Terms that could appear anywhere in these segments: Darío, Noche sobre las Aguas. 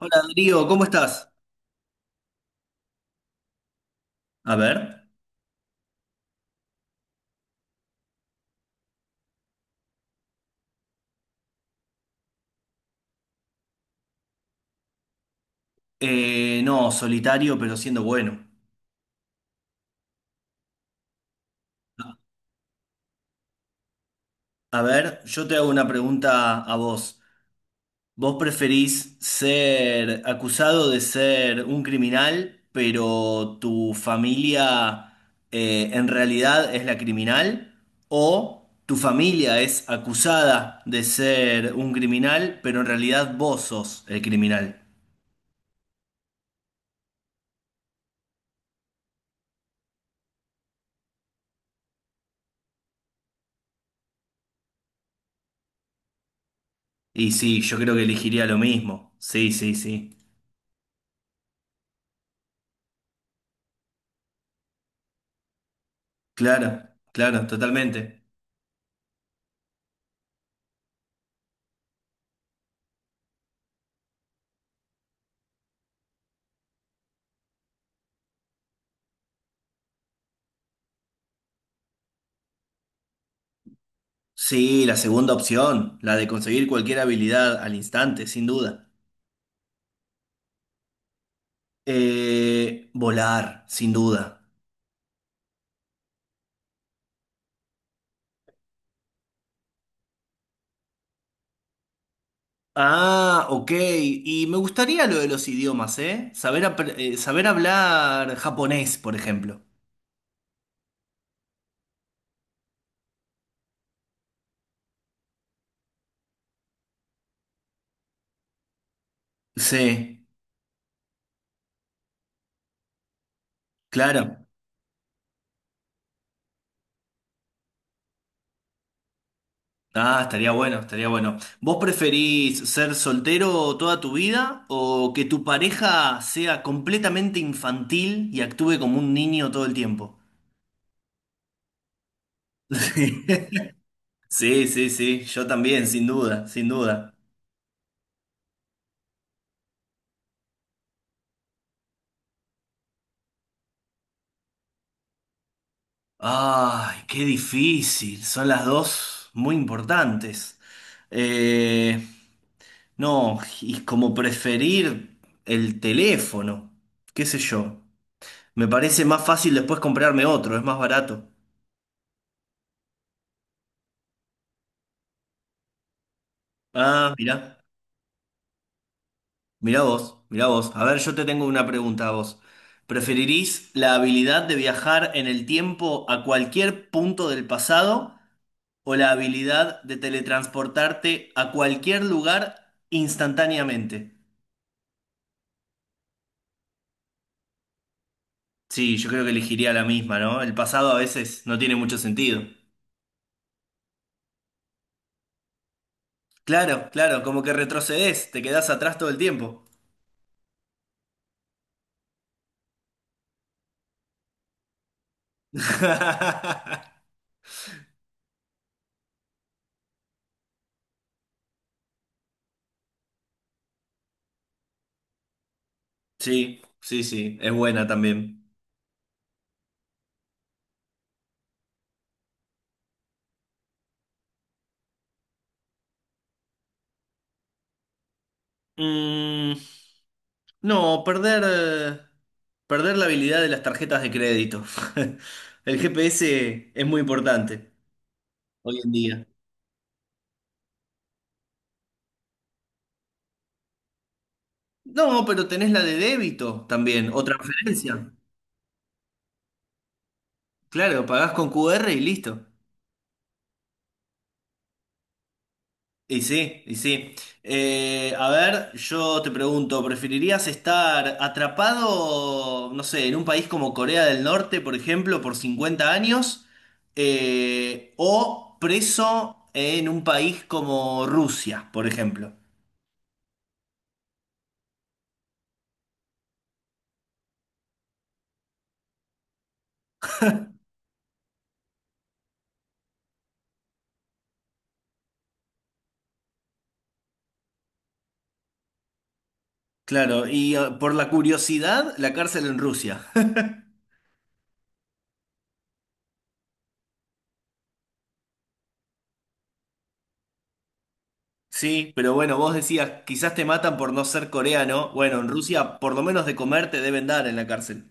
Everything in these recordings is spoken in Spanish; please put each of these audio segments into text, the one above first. Hola Darío, ¿cómo estás? A ver, no, solitario pero siendo bueno. A ver, yo te hago una pregunta a vos. ¿Vos preferís ser acusado de ser un criminal, pero tu familia en realidad es la criminal? ¿O tu familia es acusada de ser un criminal, pero en realidad vos sos el criminal? Y sí, yo creo que elegiría lo mismo. Sí, sí, sí. Claro, claro, totalmente. Sí, la segunda opción, la de conseguir cualquier habilidad al instante, sin duda. Volar, sin duda. Ah, ok. Y me gustaría lo de los idiomas, ¿eh? Saber hablar japonés, por ejemplo. Sí, claro. Ah, estaría bueno, estaría bueno. ¿Vos preferís ser soltero toda tu vida o que tu pareja sea completamente infantil y actúe como un niño todo el tiempo? Sí. Sí, sí, sí, yo también, sin duda, sin duda. Ay, qué difícil, son las dos muy importantes. Eh, no, y como preferir el teléfono, qué sé yo. Me parece más fácil después comprarme otro, es más barato. Ah, mirá, mirá vos, mirá vos. A ver, yo te tengo una pregunta a vos. ¿Preferirís la habilidad de viajar en el tiempo a cualquier punto del pasado? O la habilidad de teletransportarte a cualquier lugar instantáneamente. Sí, yo creo que elegiría la misma, ¿no? El pasado a veces no tiene mucho sentido. Claro, claro, como que retrocedes, te quedás atrás todo el tiempo. Sí, sí, sí, es buena también. Mm, no, perder, perder la habilidad de las tarjetas de crédito. El GPS es muy importante hoy en día. No, pero tenés la de débito también, o transferencia. Claro, pagás con QR y listo. Y sí, y sí. A ver, yo te pregunto, ¿preferirías estar atrapado, no sé, en un país como Corea del Norte, por ejemplo, por 50 años, o preso en un país como Rusia, por ejemplo? Claro, y por la curiosidad, la cárcel en Rusia. Sí, pero bueno, vos decías, quizás te matan por no ser coreano. Bueno, en Rusia por lo menos de comer te deben dar en la cárcel.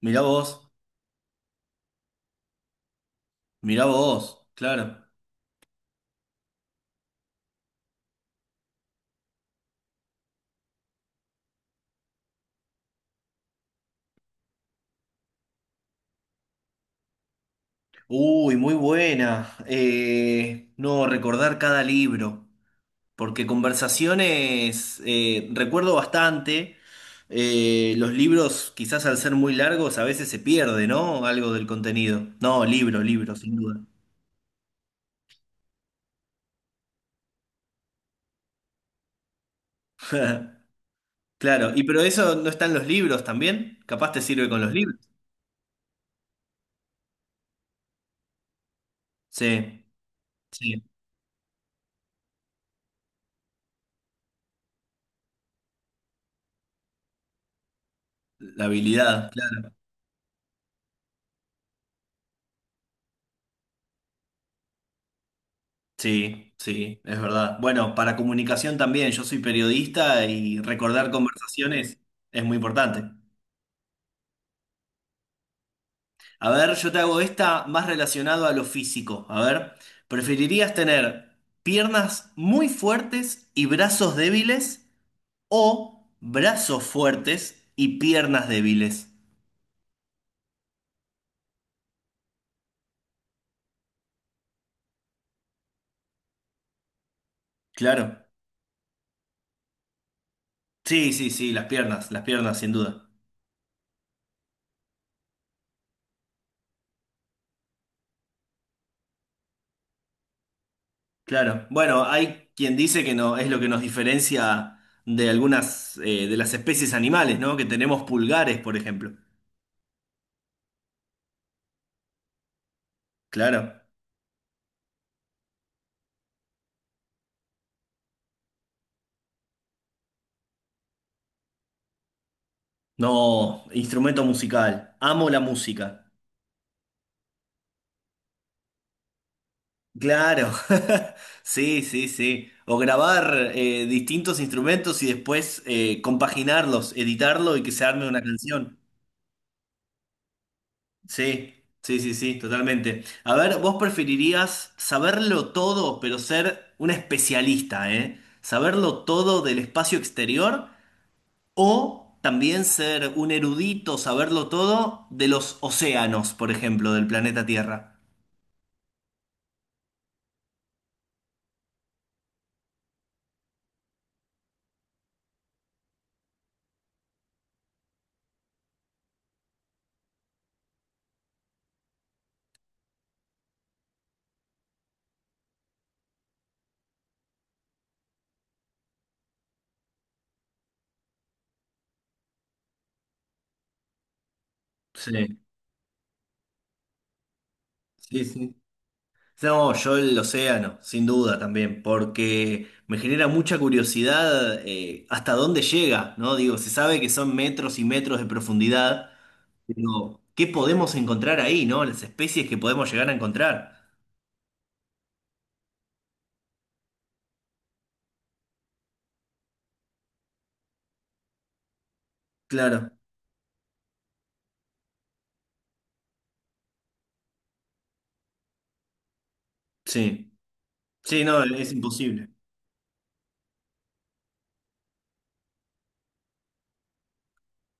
Mirá vos. Mirá vos, claro. Uy, muy buena. No, recordar cada libro, porque conversaciones recuerdo bastante. Los libros, quizás al ser muy largos, a veces se pierde, ¿no? Algo del contenido. No, libro, libro, sin duda. Claro, y pero eso no está en los libros también. Capaz te sirve con los libros. Sí, sí, la habilidad. Sí, sí, es verdad. Bueno, para comunicación también, yo soy periodista y recordar conversaciones es muy importante. A ver, yo te hago esta más relacionado a lo físico. A ver, ¿preferirías tener piernas muy fuertes y brazos débiles o brazos fuertes y piernas débiles? Claro. Sí, sí, sí, las piernas, sin duda. Claro, bueno, hay quien dice que no es lo que nos diferencia de algunas de las especies animales, ¿no? Que tenemos pulgares, por ejemplo. Claro. No, instrumento musical. Amo la música. Claro. Sí, sí, sí. O grabar distintos instrumentos y después compaginarlos, editarlo y que se arme una canción. Sí, sí, sí, sí, totalmente. A ver, vos preferirías saberlo todo, pero ser un especialista, ¿eh? Saberlo todo del espacio exterior o también ser un erudito, saberlo todo de los océanos, por ejemplo, del planeta Tierra. Sí, sí, sí. No, yo el océano, sin duda también, porque me genera mucha curiosidad hasta dónde llega, ¿no? Digo, se sabe que son metros y metros de profundidad. Pero, ¿qué podemos encontrar ahí, no? Las especies que podemos llegar a encontrar. Claro, sí. Sí, no, es imposible.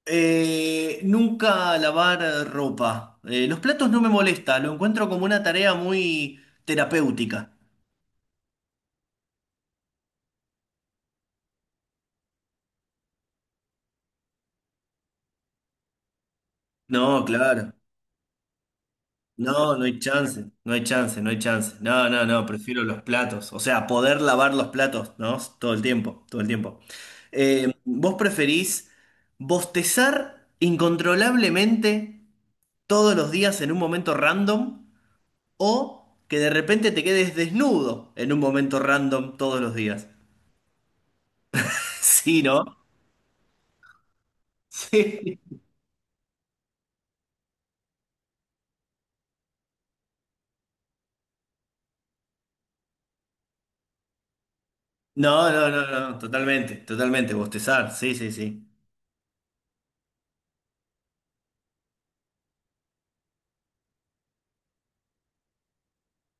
Nunca lavar ropa. Los platos no me molesta, lo encuentro como una tarea muy terapéutica. No, claro. No, no hay chance, no hay chance, no hay chance. No, no, no, prefiero los platos. O sea, poder lavar los platos, ¿no? Todo el tiempo, todo el tiempo. ¿Vos preferís bostezar incontrolablemente todos los días en un momento random o que de repente te quedes desnudo en un momento random todos los días? Sí, ¿no? Sí. No, no, no, no, no, totalmente, totalmente, bostezar, sí, sí, sí.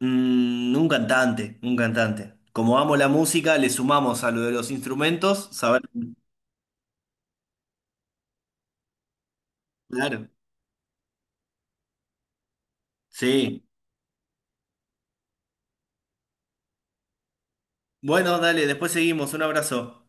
Mm, un cantante, un cantante. Como amo la música, le sumamos a lo de los instrumentos, saber. Claro, sí. Bueno, dale, después seguimos, un abrazo.